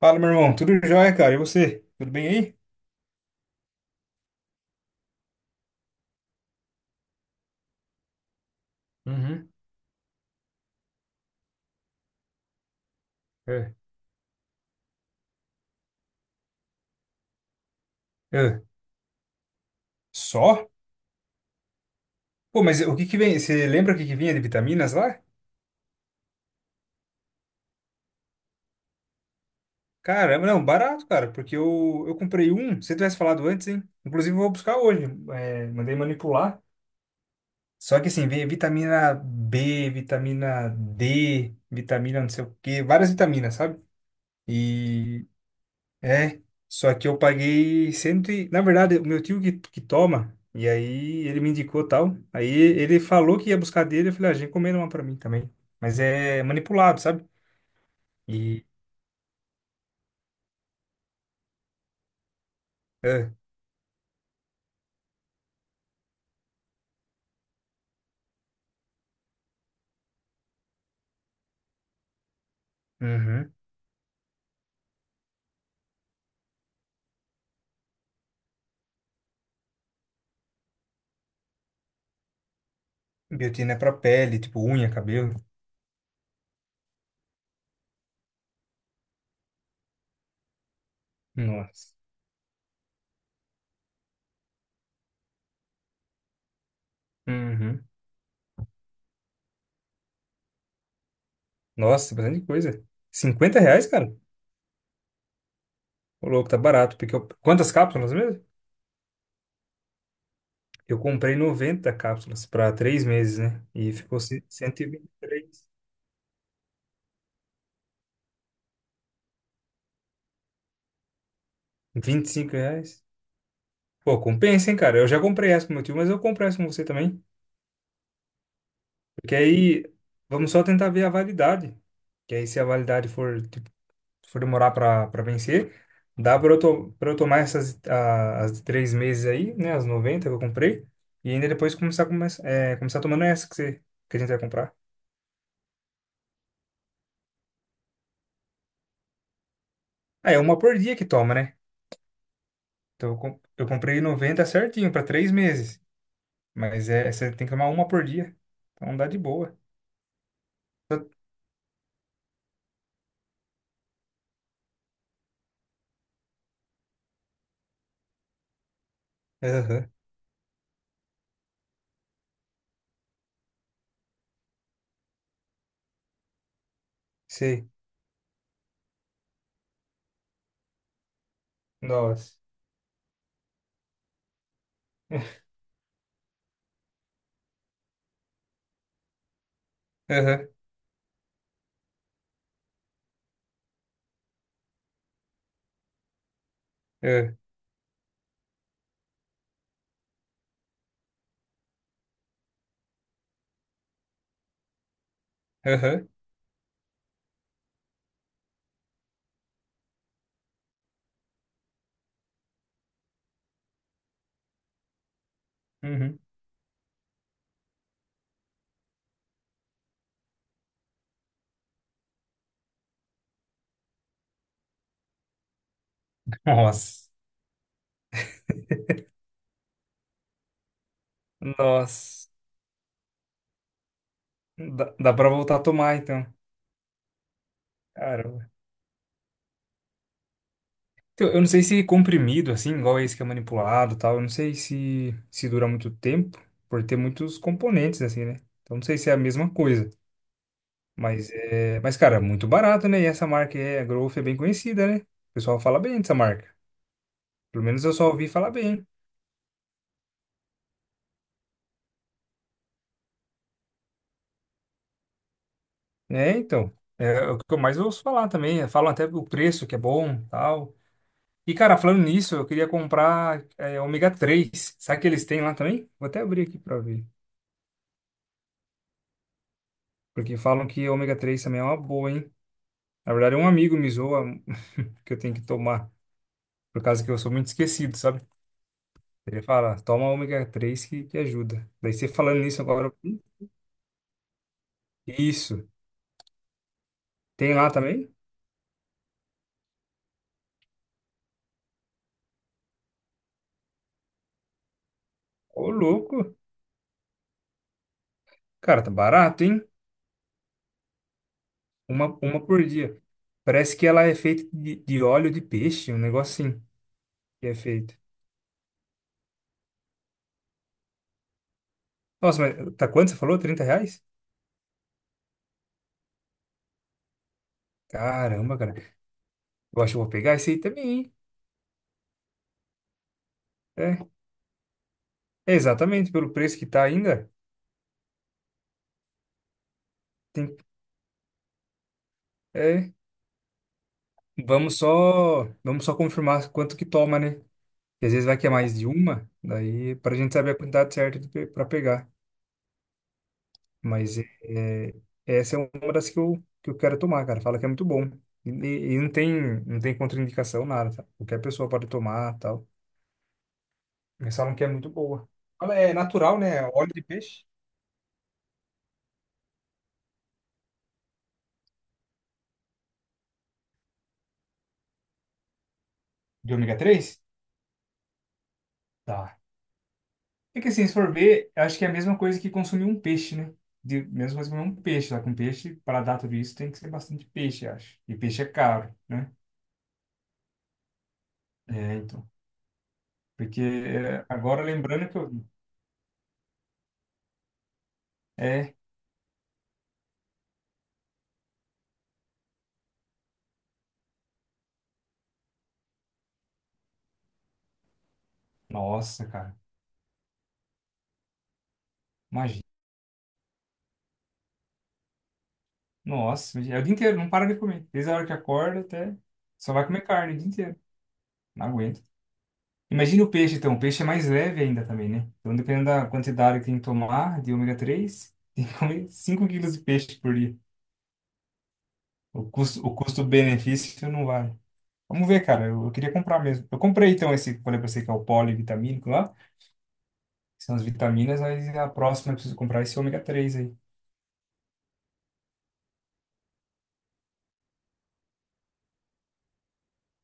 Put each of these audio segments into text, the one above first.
Fala, meu irmão. Tudo jóia, cara? E você? Tudo bem aí? Uhum. É. É. Só? Pô, mas o que que vem? Você lembra o que que vinha de vitaminas lá? Caramba, não, barato, cara, porque eu comprei um. Se você tivesse falado antes, hein? Inclusive, eu vou buscar hoje. É, mandei manipular. Só que assim, vem vitamina B, vitamina D, vitamina não sei o quê, várias vitaminas, sabe? E é, só que eu paguei cento e... Na verdade, o meu tio que toma, e aí ele me indicou tal. Aí ele falou que ia buscar dele, eu falei, ah, já encomenda uma pra mim também. Mas é manipulado, sabe? E... É. Uhum. Biotina é pra pele, tipo unha, cabelo. Nossa. Uhum. Nossa, bastante coisa. 50 reais, cara? Ô, louco, tá barato. Porque eu... Quantas cápsulas mesmo? Eu comprei 90 cápsulas pra 3 meses, né? E ficou 123. 25 reais. Pô, compensa, hein, cara? Eu já comprei essa com meu tio, mas eu compro essa com você também. Porque aí vamos só tentar ver a validade. Que aí, se a validade for, tipo, for demorar pra vencer, dá pra eu, to pra eu tomar as de 3 meses aí, né? As 90 que eu comprei. E ainda depois começar tomando essa que, você, que a gente vai comprar. Ah, é uma por dia que toma, né? Então eu comprei 90 certinho pra 3 meses. Mas é, você tem que tomar uma por dia. Então dá de boa. Aham, sei. Nossa. Aham, é, aham, uhum. Nossa, nossa. Dá, dá pra voltar a tomar, então. Caramba. Então, eu não sei se comprimido, assim, igual esse que é manipulado e tal, eu não sei se dura muito tempo, por ter muitos componentes, assim, né? Então, não sei se é a mesma coisa. Mas, é, mas cara, é muito barato, né? E essa marca é, a Growth é bem conhecida, né? O pessoal fala bem dessa marca. Pelo menos eu só ouvi falar bem. É, então. É o que eu mais ouço falar também. Falam até o preço que é bom, tal. E, cara, falando nisso, eu queria comprar é, ômega 3. Sabe que eles têm lá também? Vou até abrir aqui pra ver. Porque falam que ômega 3 também é uma boa, hein? Na verdade, um amigo me zoa que eu tenho que tomar. Por causa que eu sou muito esquecido, sabe? Ele fala, toma ômega 3 que ajuda. Daí você falando nisso agora. Isso. Tem lá também? Ô, louco. Cara, tá barato, hein? Uma por dia. Parece que ela é feita de óleo de peixe, um negócio assim que é feito. Nossa, mas tá quanto você falou? 30 reais? Caramba, cara. Eu acho que eu vou pegar esse aí também, hein? É, é exatamente, pelo preço que tá ainda, tem, é, vamos só confirmar quanto que toma, né? Porque às vezes vai que é mais de uma, daí pra gente saber a quantidade certa de pe- pra pegar. Mas é, é, essa é uma das que eu quero tomar, cara. Fala que é muito bom. E não tem contraindicação, nada, tá? Qualquer pessoa pode tomar, tal. Mas falam que é muito boa. Fala, é natural, né? Óleo de peixe. De ômega 3. Tá. É que assim, se for ver, eu acho que é a mesma coisa que consumir um peixe, né? De, mesma coisa que comer um peixe, só que um peixe, para dar tudo isso, tem que ser bastante peixe, eu acho. E peixe é caro, né? É, então. Porque é, agora, lembrando que eu vi. É, nossa, cara. Imagina. Nossa, imagina. É o dia inteiro, não para de comer. Desde a hora que acorda até. Só vai comer carne o dia inteiro. Não aguento. Imagina o peixe, então. O peixe é mais leve ainda também, né? Então, dependendo da quantidade que tem que tomar de ômega 3, tem que comer 5 quilos de peixe por dia. O custo-benefício não vai. Vamos ver, cara. Eu queria comprar mesmo. Eu comprei então esse que eu falei pra você que é o polivitamínico lá. Que são as vitaminas, aí a próxima eu preciso comprar é esse ômega três aí.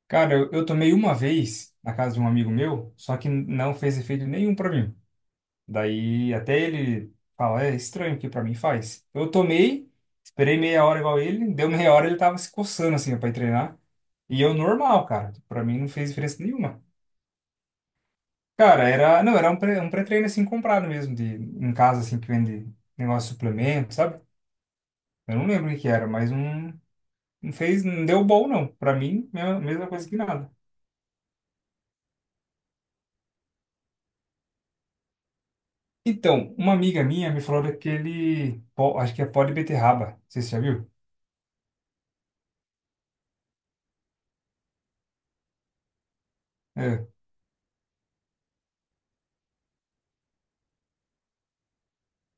Cara, eu tomei uma vez na casa de um amigo meu, só que não fez efeito nenhum pra mim. Daí até ele fala, é estranho o que pra mim faz. Eu tomei, esperei meia hora igual ele, deu meia hora ele tava se coçando assim ó, pra ir treinar. E eu normal, cara. Pra mim não fez diferença nenhuma. Cara, era, não, era um pré-treino assim comprado mesmo, de, em casa assim que vende negócio de suplemento, sabe? Eu não lembro o que que era, mas não deu bom não. Pra mim, mesma coisa que nada. Então, uma amiga minha me falou daquele, pó- acho que é pó de beterraba, não sei se você já viu? É,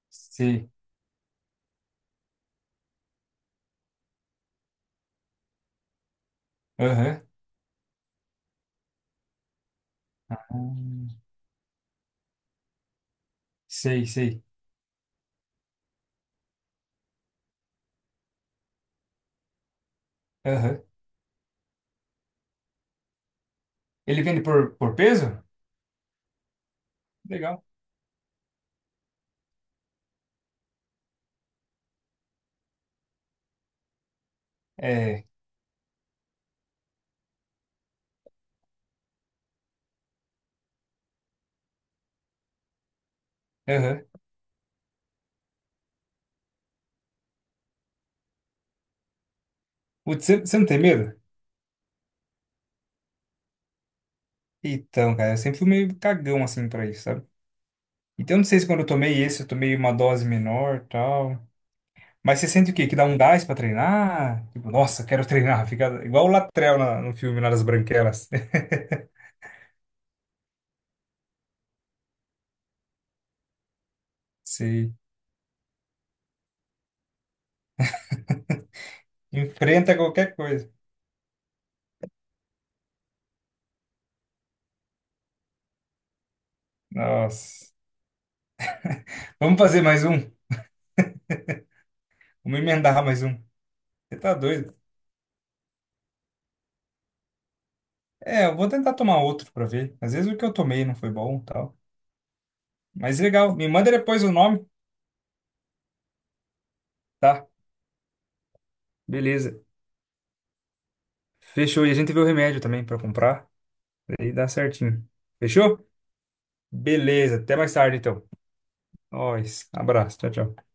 sei, aham, hum, sei, sei, aham. Ele vende por peso? Legal. É, aham. Putz, Você não tem medo? Então, cara, eu sempre fui meio cagão assim pra isso, sabe? Então, não sei se quando eu tomei esse, eu tomei uma dose menor, tal. Mas você sente o quê? Que dá um gás pra treinar? Tipo, nossa, quero treinar. Fica igual o Latrell na- no filme lá das Branquelas. Você enfrenta qualquer coisa. Nossa. Vamos fazer mais um. Vamos emendar mais um. Você tá doido? É, eu vou tentar tomar outro pra ver. Às vezes o que eu tomei não foi bom, tal. Mas legal. Me manda depois o nome, tá? Beleza. Fechou. E a gente vê o remédio também pra comprar. Aí dá certinho. Fechou? Beleza. Até mais tarde, então. Nós. Abraço. Tchau, tchau.